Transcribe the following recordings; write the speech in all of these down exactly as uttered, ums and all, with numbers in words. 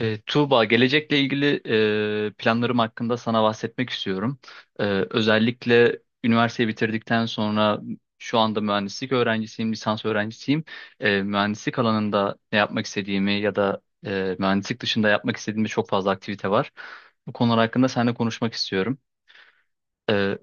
E, Tuğba, gelecekle ilgili e, planlarım hakkında sana bahsetmek istiyorum. E, özellikle üniversiteyi bitirdikten sonra şu anda mühendislik öğrencisiyim, lisans öğrencisiyim. E, mühendislik alanında ne yapmak istediğimi ya da e, mühendislik dışında yapmak istediğimde çok fazla aktivite var. Bu konular hakkında seninle konuşmak istiyorum. Ee,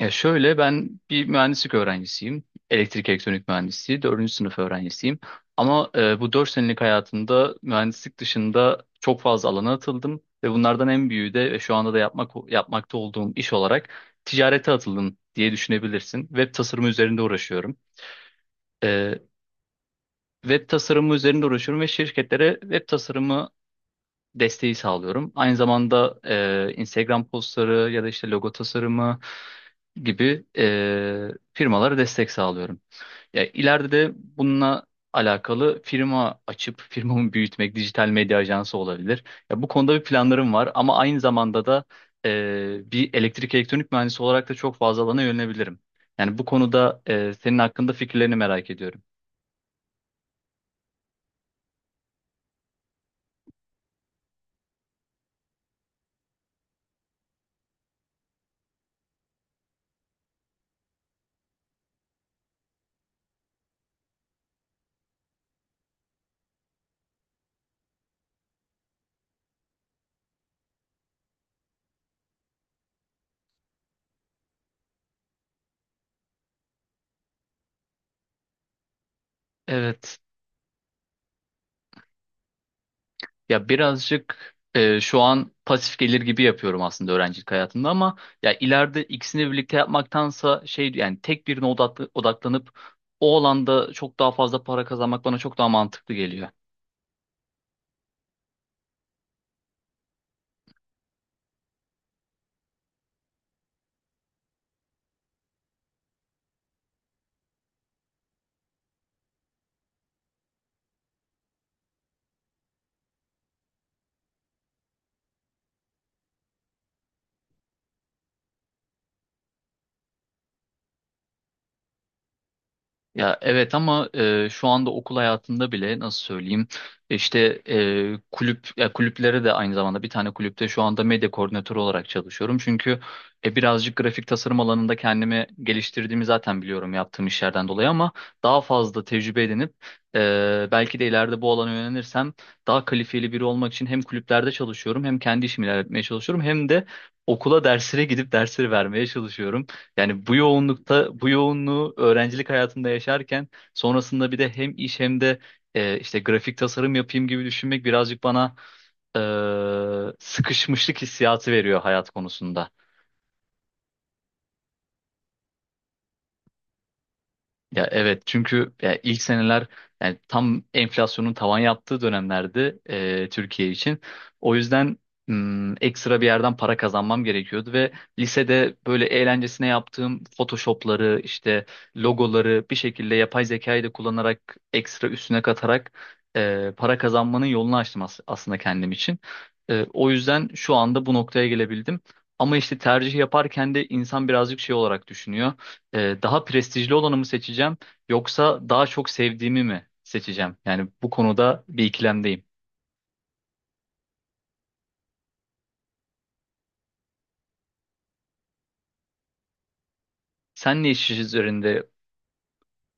Ya şöyle ben bir mühendislik öğrencisiyim. Elektrik elektronik mühendisliği dördüncü sınıf öğrencisiyim. Ama e, bu dört senelik hayatımda mühendislik dışında çok fazla alana atıldım. Ve bunlardan en büyüğü de ve şu anda da yapmak yapmakta olduğum iş olarak ticarete atıldım diye düşünebilirsin. Web tasarımı üzerinde uğraşıyorum. E, web tasarımı üzerinde uğraşıyorum ve şirketlere web tasarımı desteği sağlıyorum. Aynı zamanda e, Instagram postları ya da işte logo tasarımı gibi e, firmalara destek sağlıyorum. Ya ileride de bununla alakalı firma açıp firmamı büyütmek, dijital medya ajansı olabilir. Ya bu konuda bir planlarım var ama aynı zamanda da e, bir elektrik elektronik mühendisi olarak da çok fazla alana yönelebilirim. Yani bu konuda e, senin hakkında fikirlerini merak ediyorum. Evet. Ya birazcık e, şu an pasif gelir gibi yapıyorum aslında öğrencilik hayatımda ama ya ileride ikisini birlikte yapmaktansa şey yani tek birine odaklı, odaklanıp o alanda çok daha fazla para kazanmak bana çok daha mantıklı geliyor. Ya evet ama e, şu anda okul hayatında bile nasıl söyleyeyim işte e, kulüp ya kulüplere de aynı zamanda bir tane kulüpte şu anda medya koordinatörü olarak çalışıyorum. Çünkü e, birazcık grafik tasarım alanında kendimi geliştirdiğimi zaten biliyorum yaptığım işlerden dolayı ama daha fazla tecrübe edinip e, belki de ileride bu alana yönelirsem daha kalifiyeli biri olmak için hem kulüplerde çalışıyorum hem kendi işimi ilerletmeye çalışıyorum hem de okula derslere gidip dersleri vermeye çalışıyorum. Yani bu yoğunlukta, bu yoğunluğu öğrencilik hayatında yaşarken sonrasında bir de hem iş hem de e, işte grafik tasarım yapayım gibi düşünmek birazcık bana e, sıkışmışlık hissiyatı veriyor hayat konusunda. Ya evet çünkü ya ilk seneler yani tam enflasyonun tavan yaptığı dönemlerdi e, Türkiye için. O yüzden hmm, ekstra bir yerden para kazanmam gerekiyordu ve lisede böyle eğlencesine yaptığım Photoshop'ları işte logoları bir şekilde yapay zekayı da kullanarak ekstra üstüne katarak e, para kazanmanın yolunu açtım as- aslında kendim için. E, o yüzden şu anda bu noktaya gelebildim. Ama işte tercih yaparken de insan birazcık şey olarak düşünüyor, e, daha prestijli olanı mı seçeceğim yoksa daha çok sevdiğimi mi seçeceğim? Yani bu konuda bir ikilemdeyim. Sen ne iş üzerinde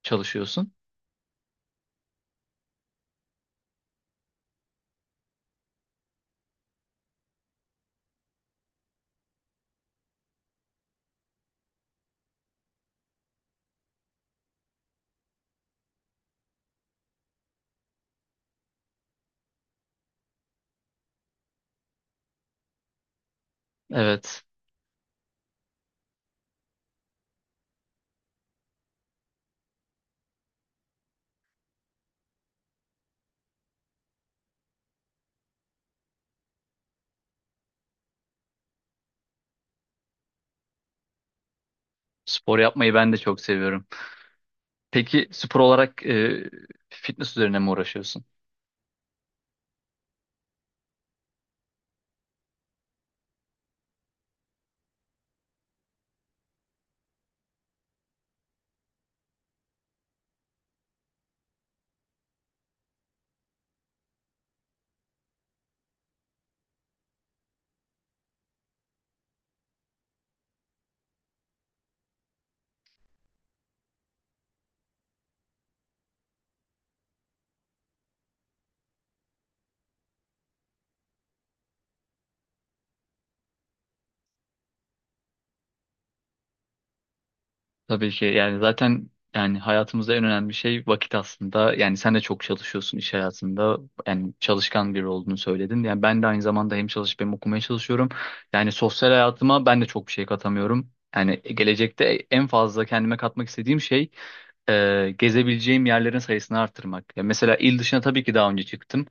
çalışıyorsun? Evet, spor yapmayı ben de çok seviyorum. Peki spor olarak e, fitness üzerine mi uğraşıyorsun? Tabii ki yani zaten yani hayatımızda en önemli şey vakit aslında. Yani sen de çok çalışıyorsun iş hayatında. Yani çalışkan biri olduğunu söyledin. Yani ben de aynı zamanda hem çalışıp hem okumaya çalışıyorum. Yani sosyal hayatıma ben de çok bir şey katamıyorum. Yani gelecekte en fazla kendime katmak istediğim şey e, gezebileceğim yerlerin sayısını artırmak. Ya mesela il dışına tabii ki daha önce çıktım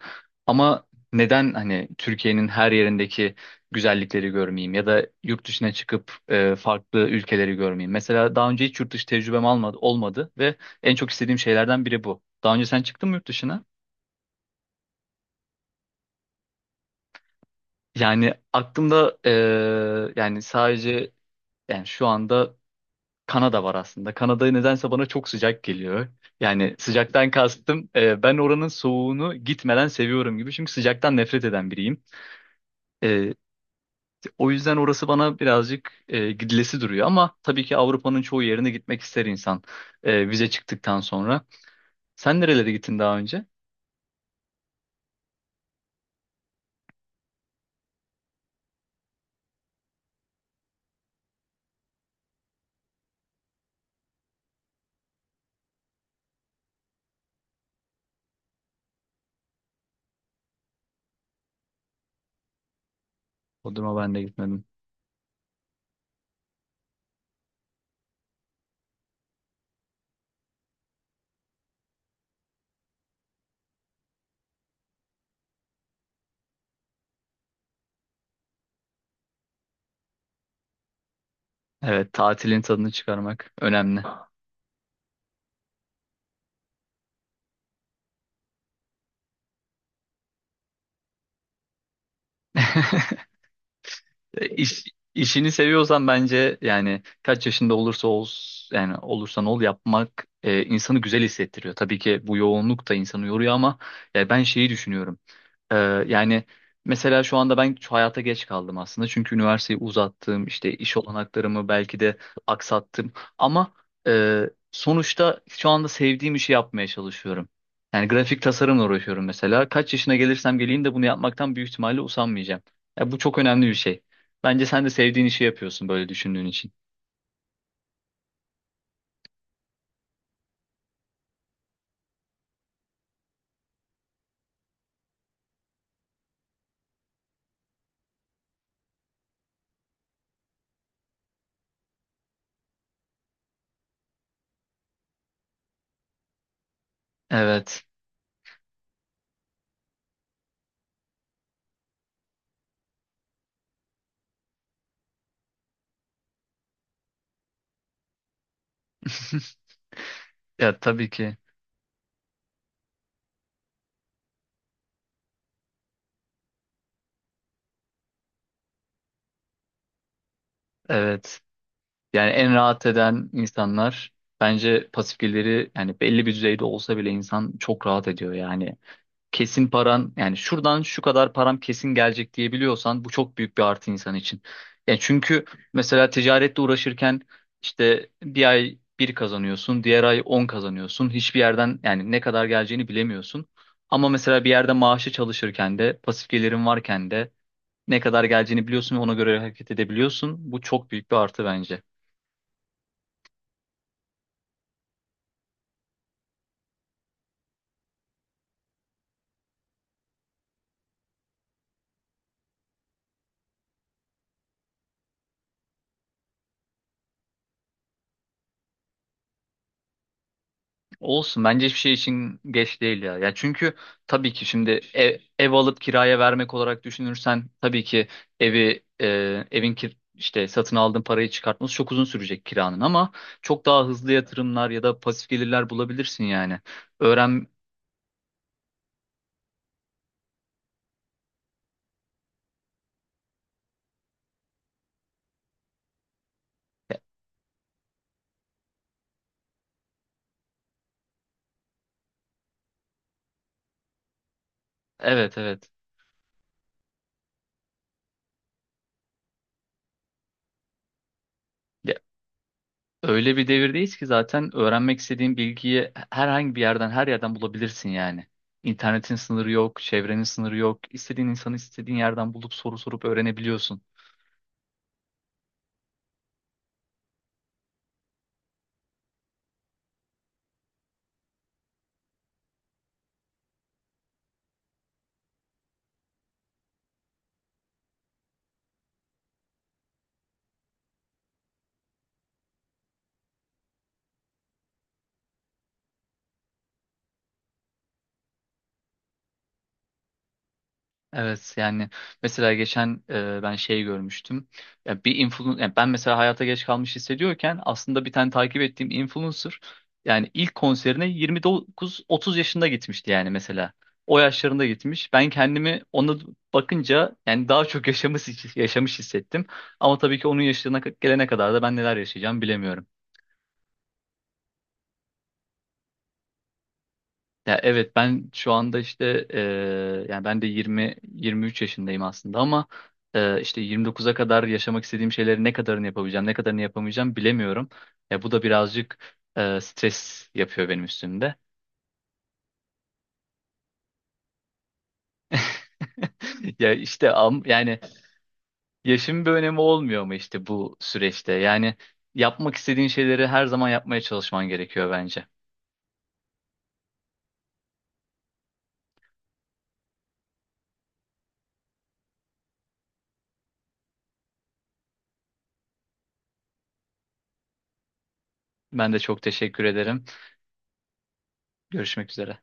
ama neden hani Türkiye'nin her yerindeki güzellikleri görmeyeyim ya da yurt dışına çıkıp e, farklı ülkeleri görmeyeyim. Mesela daha önce hiç yurt dışı tecrübem almadı, olmadı ve en çok istediğim şeylerden biri bu. Daha önce sen çıktın mı yurt dışına? Yani aklımda e, yani sadece yani şu anda Kanada var aslında. Kanada nedense bana çok sıcak geliyor. Yani sıcaktan kastım e, ben oranın soğuğunu gitmeden seviyorum gibi. Çünkü sıcaktan nefret eden biriyim. E, o yüzden orası bana birazcık e, gidilesi duruyor. Ama tabii ki Avrupa'nın çoğu yerine gitmek ister insan e, vize çıktıktan sonra. Sen nerelere gittin daha önce? Bodrum'a ben de gitmedim. Evet, tatilin tadını çıkarmak önemli. E, İş, işini seviyorsan bence yani kaç yaşında olursa ol yani olursan ol yapmak e, insanı güzel hissettiriyor. Tabii ki bu yoğunluk da insanı yoruyor ama ya ben şeyi düşünüyorum. E, Yani mesela şu anda ben şu hayata geç kaldım aslında. Çünkü üniversiteyi uzattım, işte iş olanaklarımı belki de aksattım ama e, sonuçta şu anda sevdiğim işi yapmaya çalışıyorum. Yani grafik tasarımla uğraşıyorum mesela. Kaç yaşına gelirsem geleyim de bunu yapmaktan büyük ihtimalle usanmayacağım. Ya bu çok önemli bir şey. Bence sen de sevdiğin işi yapıyorsun böyle düşündüğün için. Evet. Ya tabii ki. Evet. Yani en rahat eden insanlar bence pasif geliri yani belli bir düzeyde olsa bile insan çok rahat ediyor yani. kesin paran yani şuradan şu kadar param kesin gelecek diyebiliyorsan bu çok büyük bir artı insan için. Yani çünkü mesela ticaretle uğraşırken işte bir ay bir kazanıyorsun, diğer ay on kazanıyorsun. Hiçbir yerden yani ne kadar geleceğini bilemiyorsun. Ama mesela bir yerde maaşı çalışırken de pasif gelirin varken de ne kadar geleceğini biliyorsun ve ona göre hareket edebiliyorsun. Bu çok büyük bir artı bence. Olsun bence hiçbir şey için geç değil ya. Ya çünkü tabii ki şimdi ev, ev alıp kiraya vermek olarak düşünürsen tabii ki evi e, evin kir işte satın aldığın parayı çıkartması çok uzun sürecek kiranın ama çok daha hızlı yatırımlar ya da pasif gelirler bulabilirsin yani. Öğren evet, evet. Ya, öyle bir devirdeyiz ki zaten öğrenmek istediğin bilgiyi herhangi bir yerden her yerden bulabilirsin yani. İnternetin sınırı yok, çevrenin sınırı yok. İstediğin insanı istediğin yerden bulup soru sorup öğrenebiliyorsun. Evet yani mesela geçen e, ben şey görmüştüm. Ya bir influencer yani ben mesela hayata geç kalmış hissediyorken aslında bir tane takip ettiğim influencer yani ilk konserine yirmi dokuz otuz yaşında gitmişti yani mesela. O yaşlarında gitmiş. Ben kendimi ona bakınca yani daha çok yaşamış yaşamış hissettim. Ama tabii ki onun yaşına gelene kadar da ben neler yaşayacağım bilemiyorum. Ya evet ben şu anda işte e, yani ben de yirmi yirmi üç yaşındayım aslında ama e, işte yirmi dokuza kadar yaşamak istediğim şeyleri ne kadarını yapabileceğim, ne kadarını yapamayacağım bilemiyorum. Ya bu da birazcık e, stres yapıyor benim üstümde. Ya işte am, yani yaşın bir önemi olmuyor mu işte bu süreçte? Yani yapmak istediğin şeyleri her zaman yapmaya çalışman gerekiyor bence. Ben de çok teşekkür ederim. Görüşmek üzere.